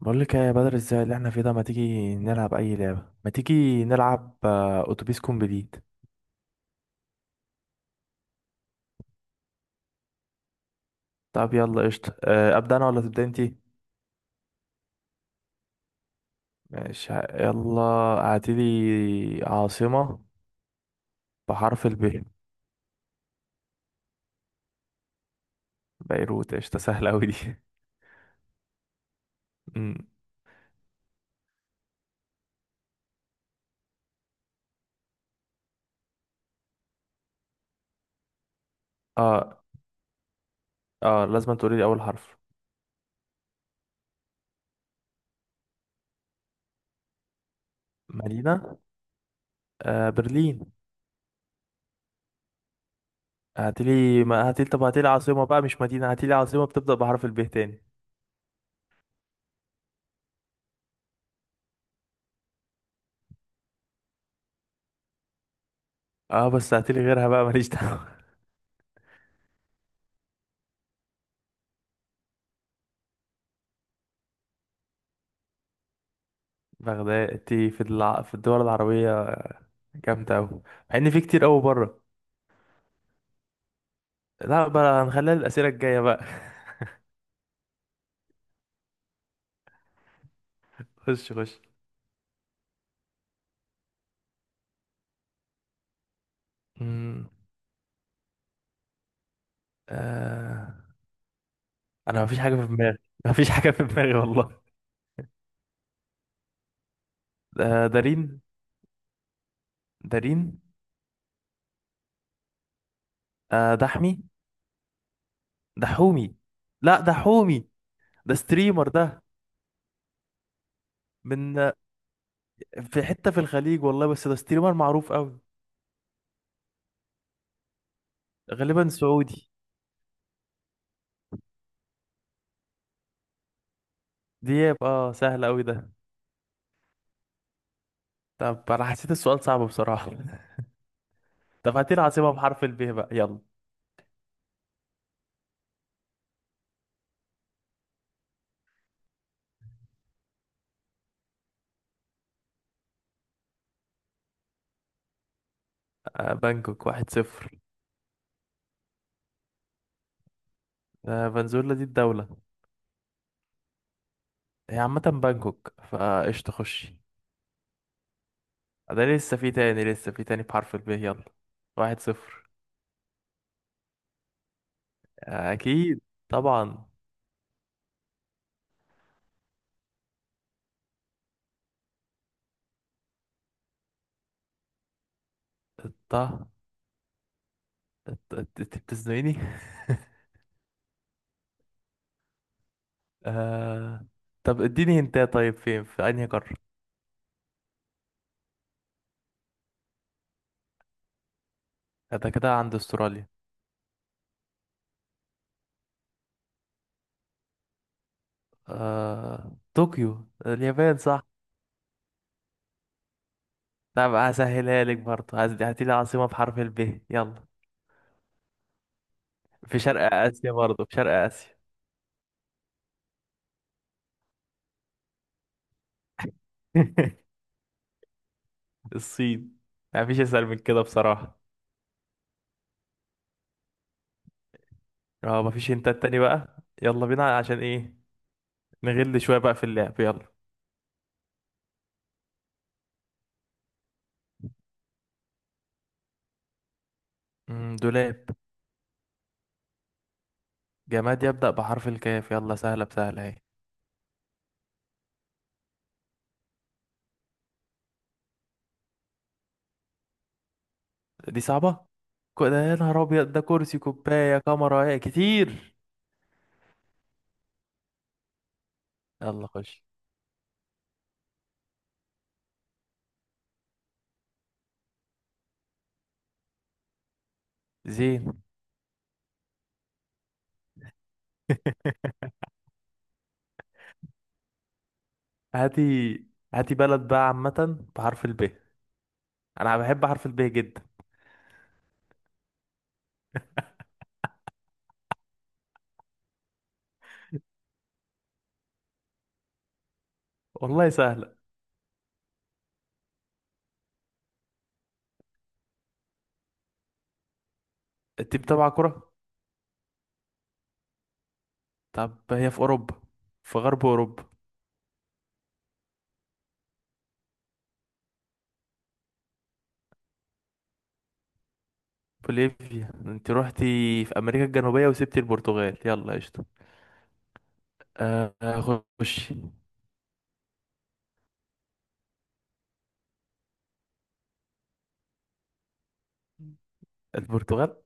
بقول لك إيه يا بدر، ازاي اللي احنا فيه ده؟ ما تيجي نلعب اي لعبه، ما تيجي نلعب، اتوبيس كومبليت. طب يلا قشطه، ابدا انا ولا تبدا انتي؟ ماشي، يلا. اعتلي عاصمه بحرف الب. بيروت، قشطه، سهله قوي دي. أمم. اه. اه لازم تقولي لي اول حرف. مدينه. آه، برلين. هاتيلي، ما هاتيلي، طب هاتيلي عاصمه بقى مش مدينه، هاتيلي عاصمه بتبدا بحرف الب تاني. اه، بس هاتيلي غيرها بقى، ماليش دعوه. بغداد؟ انتي في في الدول العربيه جامدة أوي، مع إن في كتير أوي بره. لا بقى، هنخليها الأسئلة الجاية بقى. خش خش. مم. آه... أنا مفيش حاجة في دماغي، مفيش حاجة في دماغي والله. آه، دارين. دارين. آه، دحمي. دحومي. لا، دحومي. ده ستريمر ده. من، في حتة في الخليج والله، بس ده ستريمر معروف أوي. غالبا سعودي. دياب، اه، سهل أوي ده. طب أنا حسيت السؤال صعب بصراحة. طب هاتي العاصمة بحرف الب بقى، يلا. آه، بانكوك، واحد صفر. آه، فنزويلا دي الدولة. هي عامة بانكوك، فايش تخشي. ده لسه في تاني، لسه في تاني بحرف الب، يلا. واحد صفر. أكيد. طبعا. الط الط- انت بتزنقني. آه... طب اديني هنتايه، طيب فين؟ في أنهي قارة؟ ده كده عند استراليا. طوكيو، اليابان، صح. طب هسهلها لك برضه، هاتي لي عاصمة بحرف الب، يلا. في شرق آسيا، برضه في شرق آسيا. الصين. مفيش أسهل من كده بصراحة. اه مفيش، انت التاني بقى. يلا بينا، عشان ايه نغل شوية بقى في اللعب، يلا. دولاب. جماد يبدأ بحرف الكاف، يلا، سهلة بسهلة اهي. دي صعبة. ده يا نهار ابيض، ده كرسي، كوباية، كاميرا، ايه كتير. يلا خش. زين. هاتي. هاتي بلد بقى عامة بحرف الب. انا بحب حرف الب جدا. والله سهلة. انت بتابع كرة؟ طب هي في اوروبا، في غرب اوروبا. بوليفيا؟ انت روحتي في امريكا الجنوبية وسبتي البرتغال، يلا قشطة. آه، خش. البرتغال.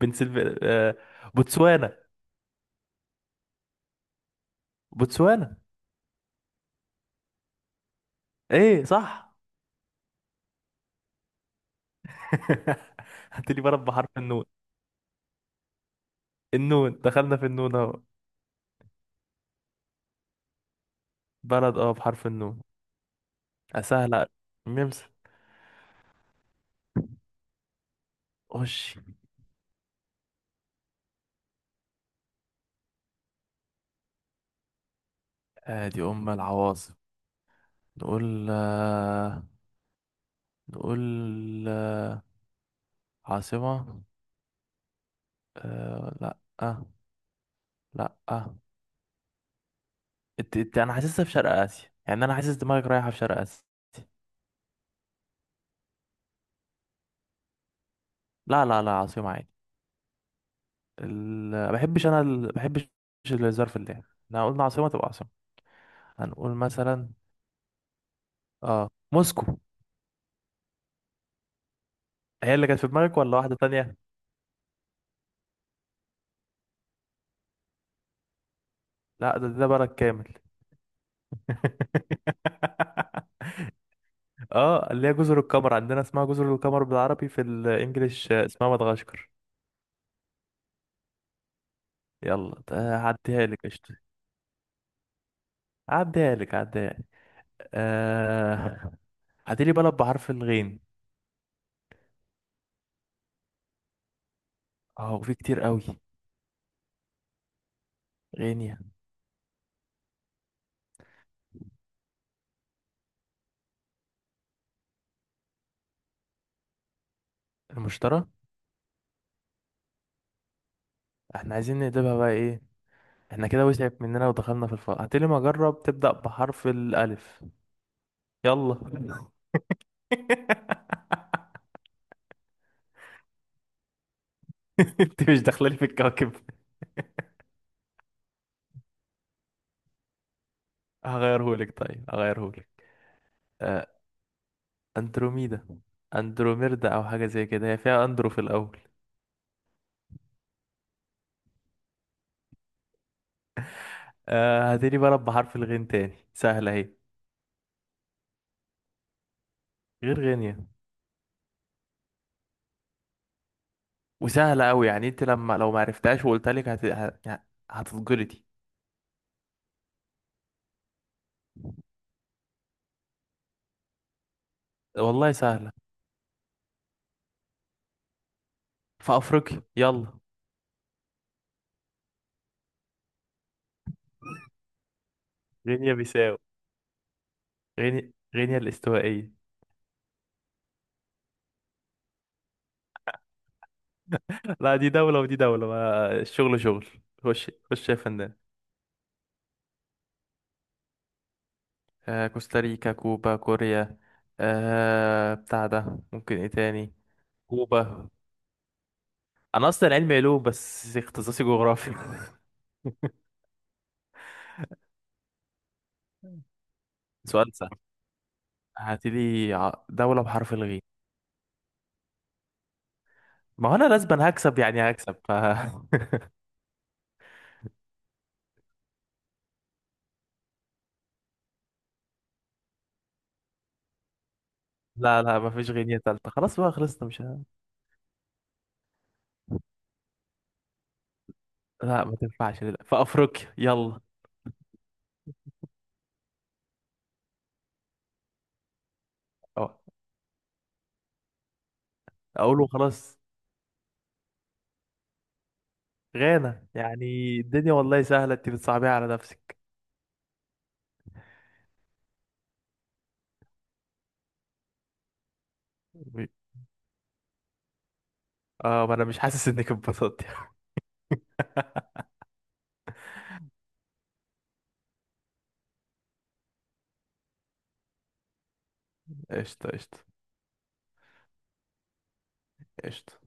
بنسلف، بوتسوانا. بوتسوانا. ايه، صح. هات لي بلد بحرف النون. النون، دخلنا في النون اهو. بلد، اه، بحرف النون. سهلة. نمسا. خش. ادي ام العواصم. نقول آه، نقول آه، عاصمة، لا، لا. انا حاسسها في شرق اسيا، يعني انا حاسس دماغك رايحة في شرق اسيا. لا لا لا، عاصمة عادي. ال... ما بحبش الظرف اللام، احنا قلنا عاصمة تبقى عاصمة. هنقول مثلا، اه، موسكو. هي اللي كانت في دماغك ولا واحدة تانية؟ لا، ده بلد كامل. اه، اللي هي جزر القمر، عندنا اسمها جزر القمر بالعربي، في الانجليش اسمها مدغشقر. يلا، ده هعديها لك قشطة. هعديها لك، هعديها لك. آه... هاتي لي بلد بحرف الغين. اه، وفي كتير قوي. غينيا. المشترى. احنا عايزين نقلبها بقى ايه؟ احنا كده وسعت مننا ودخلنا في الفرع، هتقولي ما اجرب تبدأ بحرف الالف، يلا. انت مش داخله لي في الكواكب. هغيرهولك، طيب هغيرهولك. آه، اندروميدا. اندروميردا او حاجه زي كده، هي فيها اندرو في الاول. آه، هتقولي بلد بحرف الغين تاني، سهله اهي. غير غينيا، وسهله قوي يعني، انت لما لو ما عرفتهاش وقلت لك هتتجلطي. والله سهله. في افريقيا، يلا. غينيا بيساو. غينيا الاستوائيه. لا، دي دولة ودي دولة، ما الشغل شغل. خش خش يا فنان. آه، كوستاريكا، كوبا، كوريا. آه، بتاع ده، ممكن ايه تاني؟ كوبا. انا اصلا علمي علوم بس اختصاصي جغرافي. سؤال سهل. دولة بحرف الغين. ما هو انا لازم هكسب، يعني هكسب. لا لا، ما فيش غينية تالتة، خلاص بقى، خلصنا مش ه... لا، ما تنفعش. لا. في افريقيا، يلا. أو- اقوله خلاص. غانا، يعني الدنيا والله سهلة، انت بتصعبيها على نفسك. اه، ما انا مش حاسس انك اتبسطت. قشطة قشطة. قشطة.